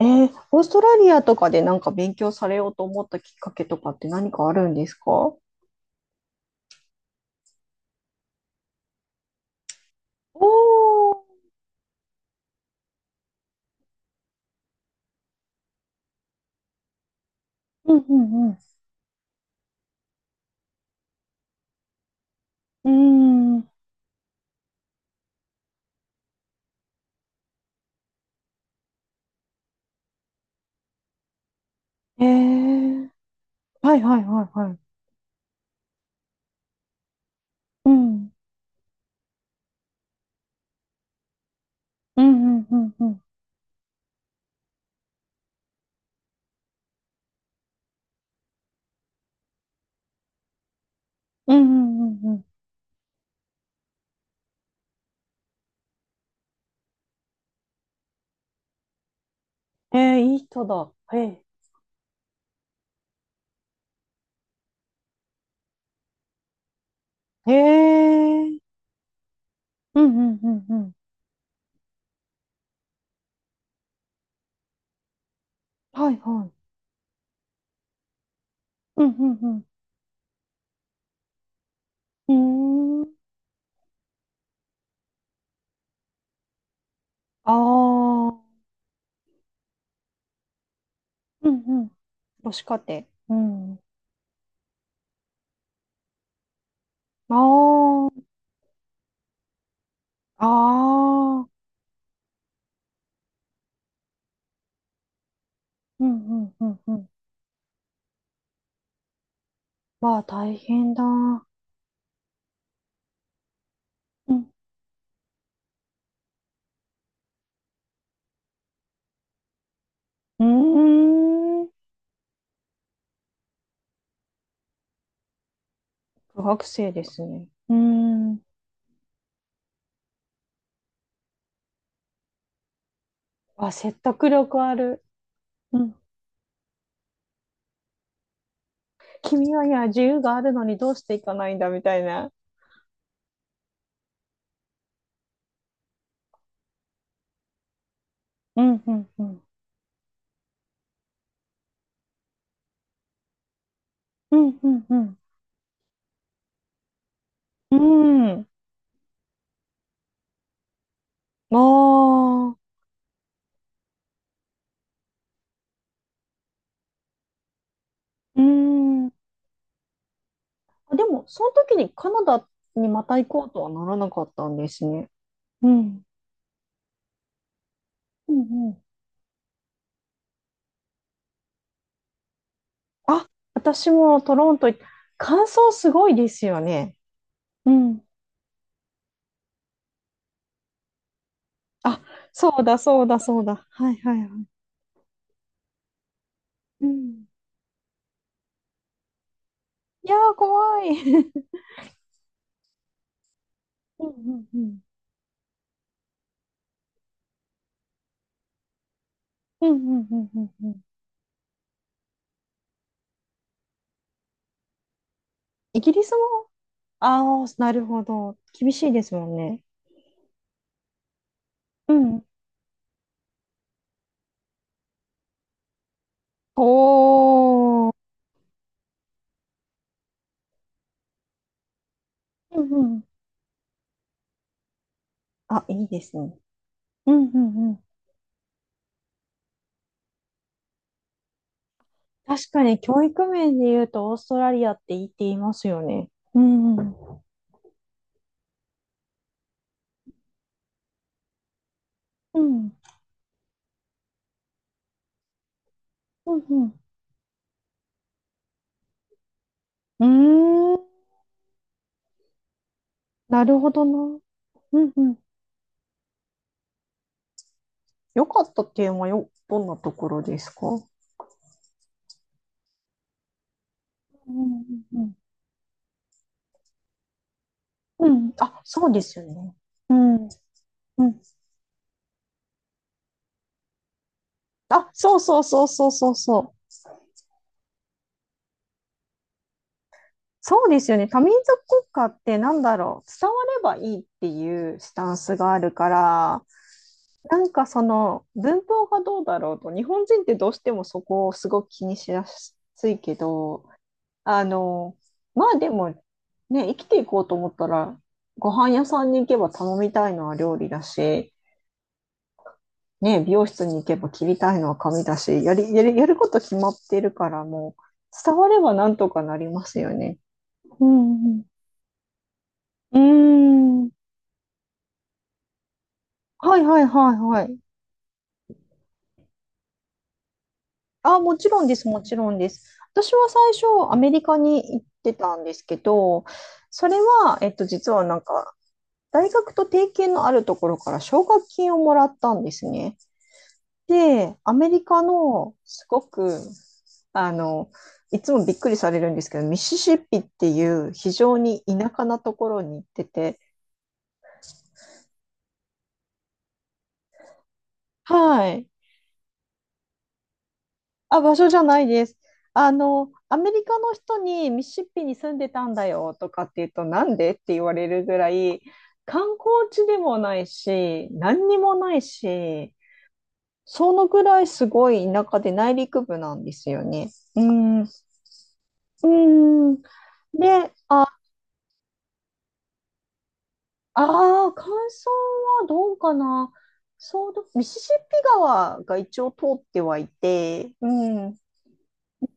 オーストラリアとかでなんか勉強されようと思ったきっかけとかって何かあるんですか？ー、うんうんうん。うーん。ー、はいはいはいはい。うん。うんうんうんうん。うんうんうんうん。いい人だ。へえ。へえ。うんうんうんうん。はいはい。うんうんうん。うーん。あー。うんうん。母子家庭。うん。あー。あー。うんうんうんうん。まあ、大変だ。うん。うーん。苦学生ですね。うーん。あ、説得力ある。うん。君は、いや、自由があるのにどうしていかないんだみたいな。うん。うん。うん。うん。うん。うん。うん。ああ、うん。あ。でも、その時にカナダにまた行こうとはならなかったんですね。うん。うんうん。あ、私もトロント行っ、感想すごいですよね。うん。あ、そうだ、そうだ、そうだ。はい、はい、はい。うん。いやー、怖い。うん、うん、うん。うん、うん、うん、うん。うん。イギリスも、ああ、なるほど。厳しいですもんね。うん。おー。うんうん。あ、いいですね。うんうんうん。確かに教育面で言うとオーストラリアって言っていますよね。うんうん。うん。うんうん。うーん。なるほどな。うんうん。よかったっていうのはよ、どんなところですか？うんうんうん。うん。あ、そうですよね。うん。うん。あ、そうそうそうそうそうそう。そうですよね。多民族国家ってなんだろう。伝わればいいっていうスタンスがあるから、なんかその文法がどうだろうと、日本人ってどうしてもそこをすごく気にしやすいけど、あの、まあでもね、生きていこうと思ったら、ご飯屋さんに行けば頼みたいのは料理だし、ね、美容室に行けば切りたいのは髪だし、やること決まってるから、もう、伝わればなんとかなりますよね。うんうん。ーん。はいはいはいはい。あ、もちろんです、もちろんです。私は最初、アメリカに行ってたんですけど、それは、実はなんか、大学と提携のあるところから奨学金をもらったんですね。で、アメリカのすごく、あの、いつもびっくりされるんですけど、ミシシッピっていう非常に田舎なところに行ってて、はい。あ、場所じゃないです。アメリカの人にミシシッピに住んでたんだよとかって言うと、なんでって言われるぐらい、観光地でもないし、何にもないし、そのぐらいすごい田舎で内陸部なんですよね。うん。うん。で、ああ、乾燥はどうかな。そうだ、ミシシッピ川が一応通ってはいて、うん、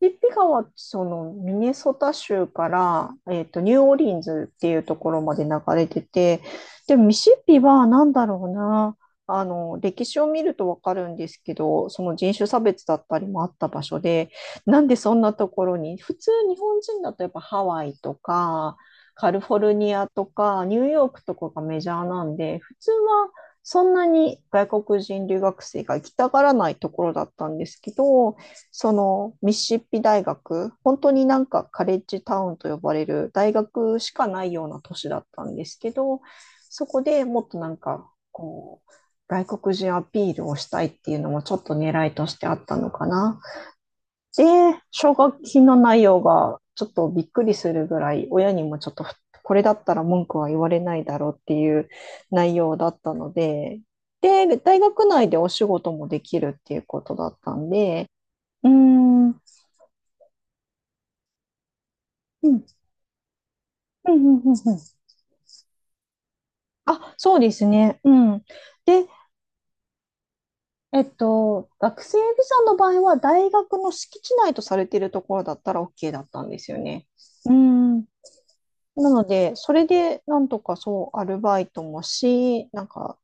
ピッピ川はそのミネソタ州から、ニューオーリンズっていうところまで流れてて、でもミシッピはなんだろうな、歴史を見るとわかるんですけど、その人種差別だったりもあった場所で、なんでそんなところに、普通日本人だとやっぱハワイとか、カリフォルニアとか、ニューヨークとかがメジャーなんで、普通はそんなに外国人留学生が行きたがらないところだったんですけど、そのミシシッピ大学、本当になんかカレッジタウンと呼ばれる大学しかないような都市だったんですけど、そこでもっとなんかこう、外国人アピールをしたいっていうのもちょっと狙いとしてあったのかな。で、奨学金の内容がちょっとびっくりするぐらい、親にもちょっとこれだったら文句は言われないだろうっていう内容だったので、で、大学内でお仕事もできるっていうことだったんで、うーん、うん。うんうんうんうん。あ、そうですね。うん。で、学生ビザの場合は大学の敷地内とされているところだったら OK だったんですよね。うん。なので、それでなんとかそう、アルバイトもし、なんか、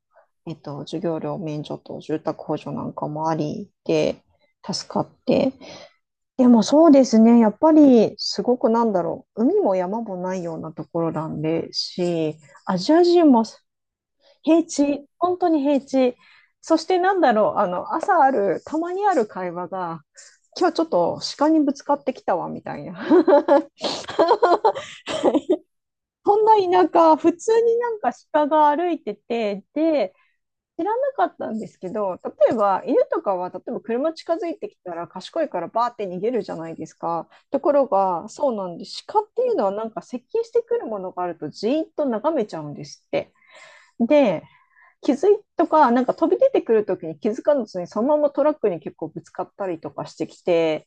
授業料免除と住宅補助なんかもありで、助かって。でもそうですね、やっぱりすごくなんだろう、海も山もないようなところなんでし、アジア人も平地、本当に平地。そしてなんだろう、朝ある、たまにある会話が、今日ちょっと鹿にぶつかってきたわ、みたいな。そんな田舎、普通になんか鹿が歩いてて、で、知らなかったんですけど、例えば犬とかは、例えば車近づいてきたら賢いからバーって逃げるじゃないですか。ところが、そうなんで、鹿っていうのはなんか接近してくるものがあるとじーっと眺めちゃうんですって。で、気づいとか、なんか飛び出てくるときに気づかずに、そのままトラックに結構ぶつかったりとかしてきて、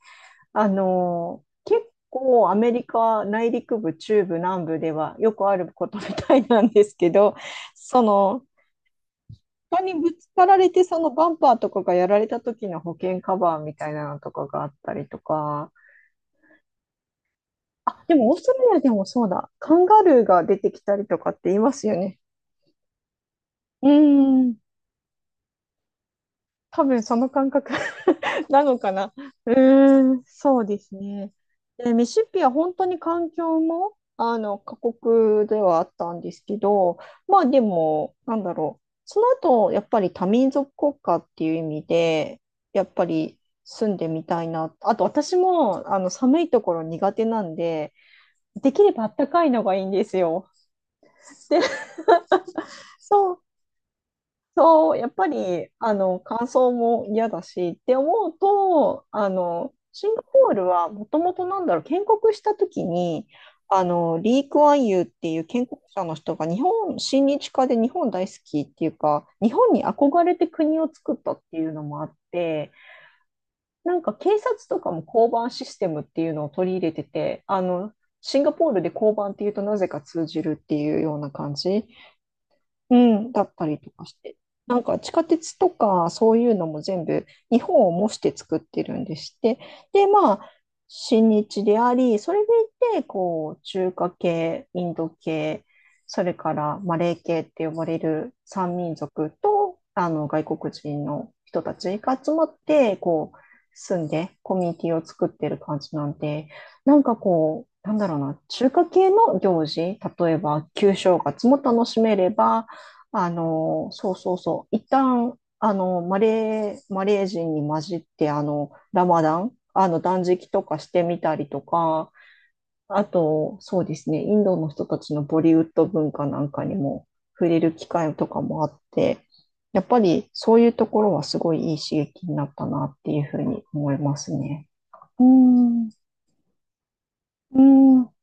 結構アメリカ内陸部、中部、南部ではよくあることみたいなんですけど、その、他にぶつかられて、そのバンパーとかがやられた時の保険カバーみたいなのとかがあったりとか、あ、でもオーストラリアでもそうだ、カンガルーが出てきたりとかって言いますよね。うーん、多分その感覚 なのかな。うーん、そうですね。で、ミシシッピは本当に環境も、過酷ではあったんですけど、まあでも、なんだろう。その後、やっぱり多民族国家っていう意味で、やっぱり住んでみたいな。あと私も、寒いところ苦手なんで、できればあったかいのがいいんですよ。で、そう、そう、やっぱり、乾燥も嫌だしって思うと、シンガポールはもともとなんだろう、建国した時に、リー・クアンユーっていう建国者の人が日本、親日家で日本大好きっていうか、日本に憧れて国を作ったっていうのもあって、なんか警察とかも交番システムっていうのを取り入れてて、シンガポールで交番っていうとなぜか通じるっていうような感じ。うん、だったりとかして。なんか地下鉄とかそういうのも全部日本を模して作ってるんでして。で、まあ、親日でありそれでいて、こう、中華系、インド系、それからマレー系って呼ばれる三民族と、外国人の人たちが集まって、こう、住んでコミュニティを作ってる感じなんで、なんかこう、なんだろうな、中華系の行事、例えば旧正月も楽しめれば、そうそうそう。一旦、マレー人に混じって、ラマダン、断食とかしてみたりとか、あと、そうですね、インドの人たちのボリウッド文化なんかにも触れる機会とかもあって、やっぱりそういうところはすごいいい刺激になったなっていうふうに思いますね。うん。うん。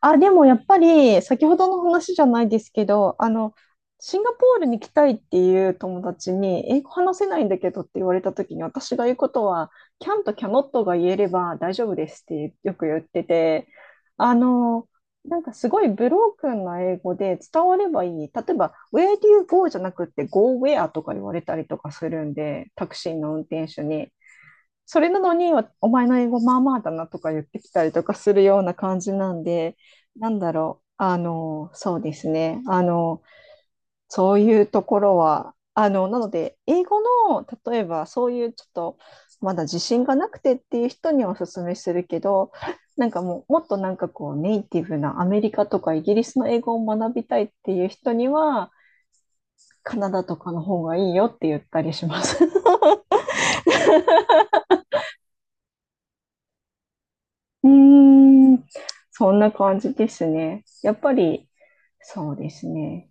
あ、でもやっぱり、先ほどの話じゃないですけど、シンガポールに来たいっていう友達に、英語話せないんだけどって言われた時に、私が言うことは、キャンとキャノットが言えれば大丈夫ですってよく言ってて、あの、なんかすごいブロークンな英語で伝わればいい。例えば、Where do you go? じゃなくて、Go where とか言われたりとかするんで、タクシーの運転手に。それなのに、お前の英語まあまあだなとか言ってきたりとかするような感じなんで、なんだろう、そうですね、そういうところは、なので、英語の、例えばそういうちょっと、まだ自信がなくてっていう人にはおすすめするけど、なんかもう、もっとなんかこう、ネイティブなアメリカとかイギリスの英語を学びたいっていう人には、カナダとかの方がいいよって言ったりします。うーん、そんな感じですね。やっぱり、そうですね。